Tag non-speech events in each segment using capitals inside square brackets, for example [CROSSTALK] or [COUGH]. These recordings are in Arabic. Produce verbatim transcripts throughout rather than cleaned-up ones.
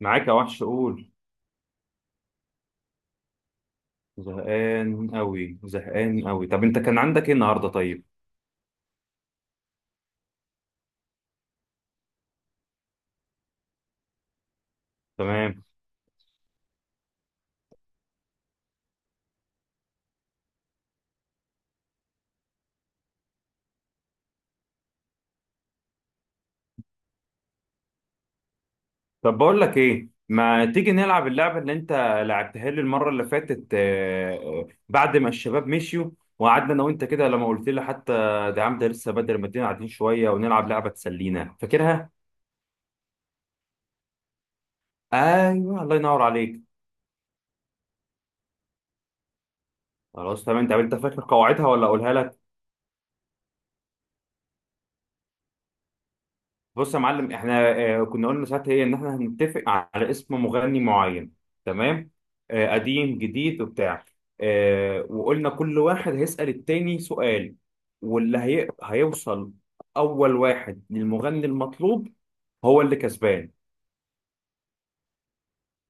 معاك يا وحش قول. زهقان قوي زهقان قوي، طب انت كان عندك ايه النهارده؟ طيب تمام. طب بقول لك ايه، ما تيجي نلعب اللعبه اللي انت لعبتها لي المره اللي فاتت آه، آه، بعد ما الشباب مشيوا وقعدنا انا وانت كده، لما قلت لي حتى ده يا عم ده لسه بدري، ما تدينا قاعدين شويه ونلعب لعبه تسلينا، فاكرها؟ ايوه الله ينور عليك. خلاص تمام، طب انت فاكر قواعدها ولا اقولها لك؟ بص يا معلم، احنا آه، كنا قلنا ساعتها ايه، ان احنا هنتفق على اسم مغني معين، تمام، آه، قديم جديد وبتاع، آه، وقلنا كل واحد هيسأل التاني سؤال، واللي هي... هيوصل اول واحد للمغني المطلوب هو اللي كسبان.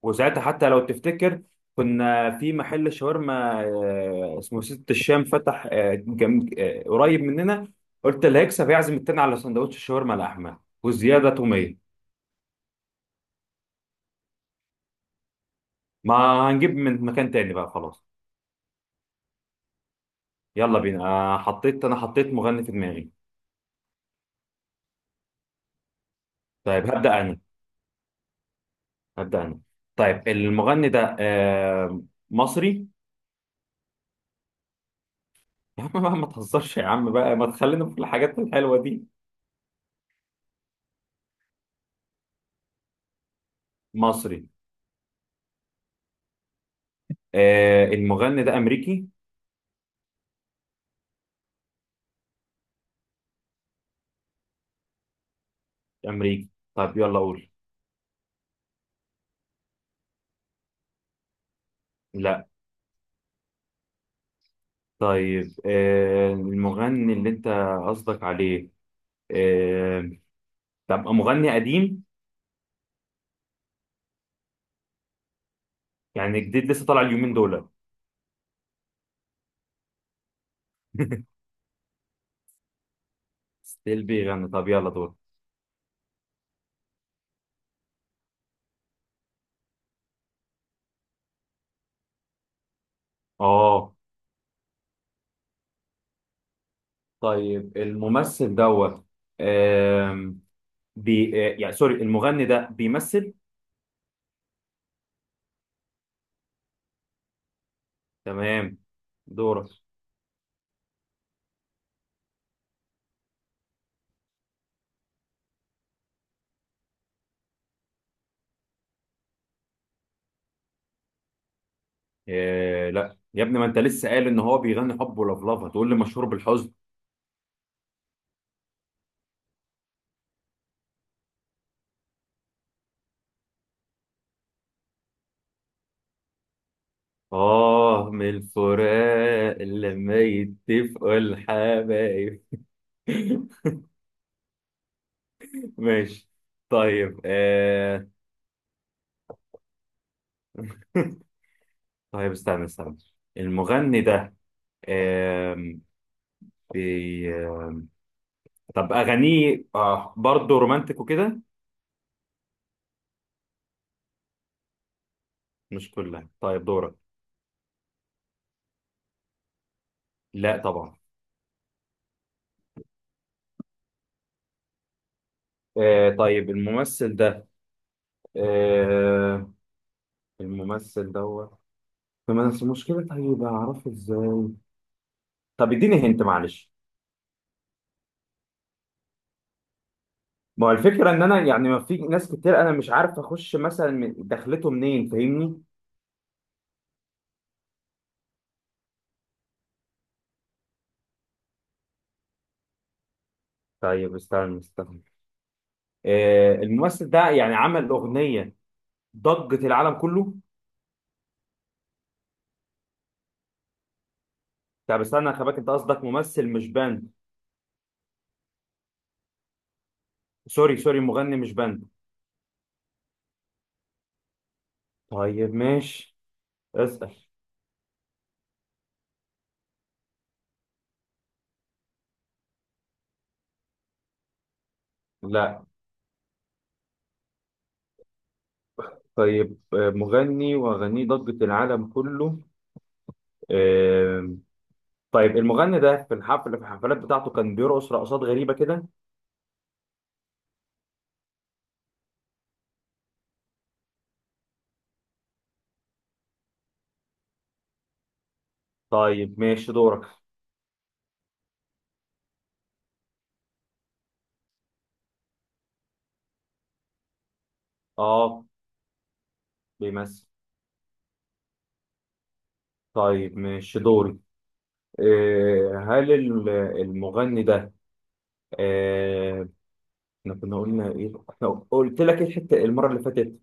وساعتها حتى لو تفتكر كنا في محل شاورما آه، اسمه ست الشام، فتح آه، جم... آه، قريب مننا، قلت اللي هيكسب هيعزم التاني على سندوتش الشاورما لحمة وزيادة تومية. ما هنجيب من مكان تاني بقى خلاص. يلا بينا، آه حطيت، انا حطيت مغني في دماغي. طيب هبدأ انا. هبدأ انا. طيب المغني ده آه مصري. [LAUGHS] يا عم بقى ما تهزرش، يا عم بقى ما تخلينا في الحاجات الحلوة دي. مصري. آه المغني ده امريكي. امريكي. طيب يلا قول. لا. طيب آه المغني اللي انت قصدك عليه، آه. طب مغني قديم؟ يعني جديد لسه طالع اليومين دول؟ [LAUGHS] ستيل بيغني؟ طب يلا دول. اه. طيب الممثل دوت، آم، بي آه، يعني سوري، المغني ده بيمثل؟ تمام. دورك. آه لا يا ابني، ما انت لسه قال ان هو بيغني حب ولفلفه، تقول لي مشهور بالحزن؟ اه، من الفراق لما يتفقوا الحبايب. [LAUGHS] ماشي. طيب آه. [LAUGHS] طيب استنى استنى، المغني ده آم، بي... طب اغانيه آه برضه رومانتك وكده؟ مش كلها، طيب دورك. لا طبعا. آه طيب الممثل ده آه الممثل دوت، فما بس المشكلة طيب أعرفه إزاي؟ طب اديني هنت معلش. ما هو الفكرة إن أنا يعني ما في ناس كتير، أنا مش عارف أخش مثلا من- دخلته منين، فاهمني؟ طيب استنى استنى، آه الممثل ده يعني عمل أغنية ضجة العالم كله؟ طب استنى يا خباك، أنت قصدك ممثل مش باند؟ سوري سوري، مغني مش باند. طيب ماشي اسأل. لا. طيب آه، مغني واغانيه ضجة العالم كله، آه، طيب المغني ده في الحفل في الحفلات بتاعته كان بيرقص رقصات غريبة كده؟ طيب ماشي دورك. اه بيمثل. طيب ماشي دوري. آه، هل ال- المغني ده آه، احنا كنا قلنا ايه، احنا قلت لك إيه الحتة المرة اللي فاتت؟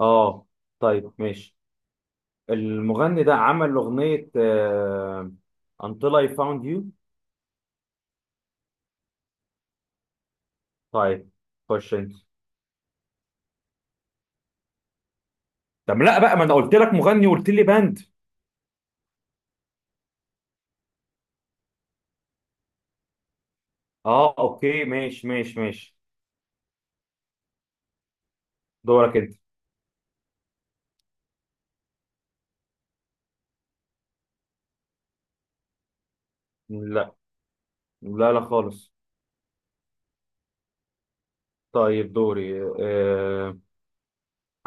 اه. طيب ماشي، المغني ده عمل أغنية آه، Until I Found You؟ طيب خش انت. طب لا بقى، ما انا قلت لك مغني وقلت لي باند. اه اوكي ماشي ماشي ماشي. دورك انت. لا لا لا خالص. طيب دوري آه،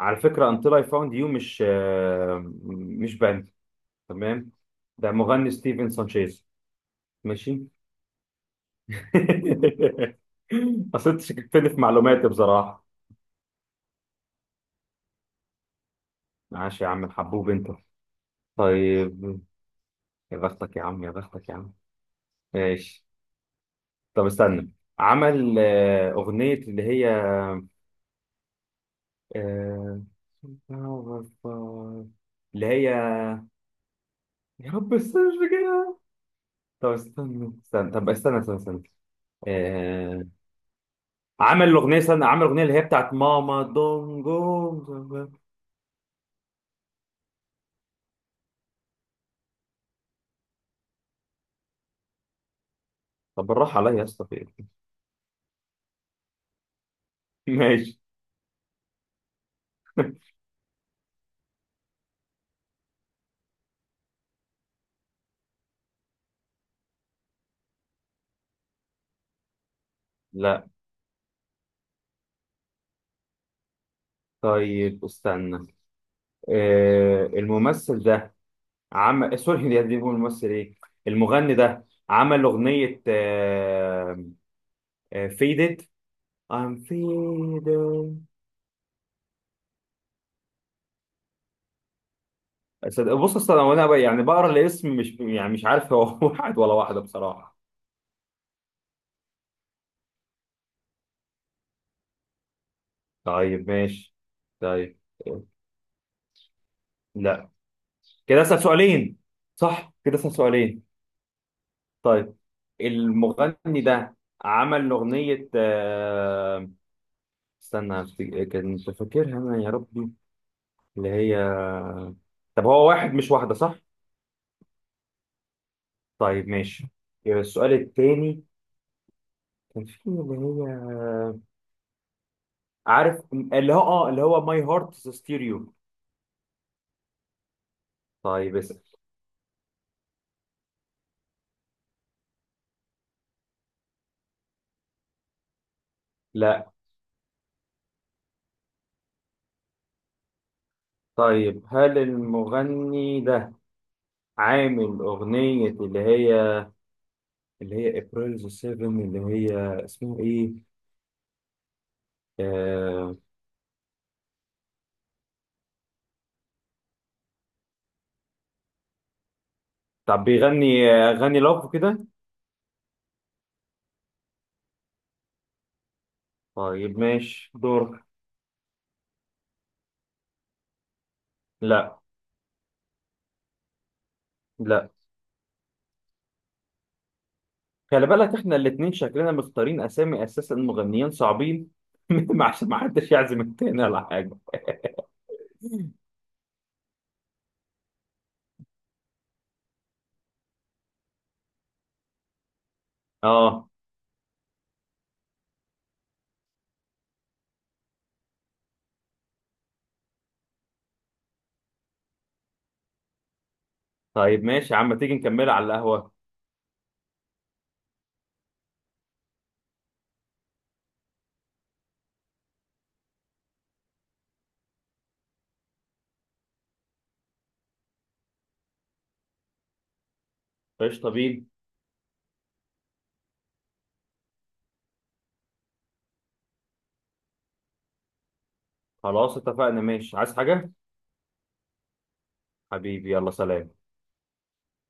على فكرة Until I Found You مش آه مش باند، تمام، ده مغني ستيفن سانشيز. ماشي. [LAUGHS] اصل انت شككتني في معلوماتي بصراحة. ماشي يا عم الحبوب انت. طيب يا بختك يا عم يا بختك يا عم، ماشي. طب استنى، عمل آه، أغنية اللي هي، آه، اللي هي، يا رب استنى كده. طب استنى استنى طب استنى استنى استنى. آه... عمل الأغنية، استنى، عمل الأغنية اللي هي بتاعت ماما دونجو. طب بالراحة عليا يا اسطى، في إيه؟ [LAUGHS] ماشي. لا. طيب استنى، آه... الممثل ده عمل سوري يا دي بقول الممثل ايه، المغني ده عمل أغنية آه... آه... فيدت، I'm faded. صد- بص، اصل انا وانا ب- يعني بقرا الاسم، مش يعني مش عارف هو [LAUGHS] واحد ولا واحده بصراحه. طيب ماشي. طيب لا، كده اسال سؤالين، صح؟ كده اسال سؤالين. طيب المغني ده عمل اغنيه آه، استنى أفتكر- كنت فاكرها انا، يا ربي اللي هي. طب هو واحد مش واحده صح؟ طيب ماشي. السؤال التاني كان في اللي هي آه، عارف اللي هو اه اللي هو ماي هارت ستيريو؟ طيب اسال. لا. طيب هل المغني ده عامل أغنية اللي هي اللي هي ابريل سبعة اللي هي اسمها ايه؟ آه... طب بيغني أغاني لاف كده؟ طيب ماشي دور. لا لا. خلي بالك احنا الاتنين شكلنا مختارين أسامي أساسا مغنيين صعبين. [LAUGHS] عشان ما حدش يعزم التاني ولا حاجة. اه. طيب ماشي يا عم، تيجي نكملها على القهوة؟ قشطة بينا. خلاص اتفقنا، ماشي. عايز حاجة؟ حبيبي يلا سلام.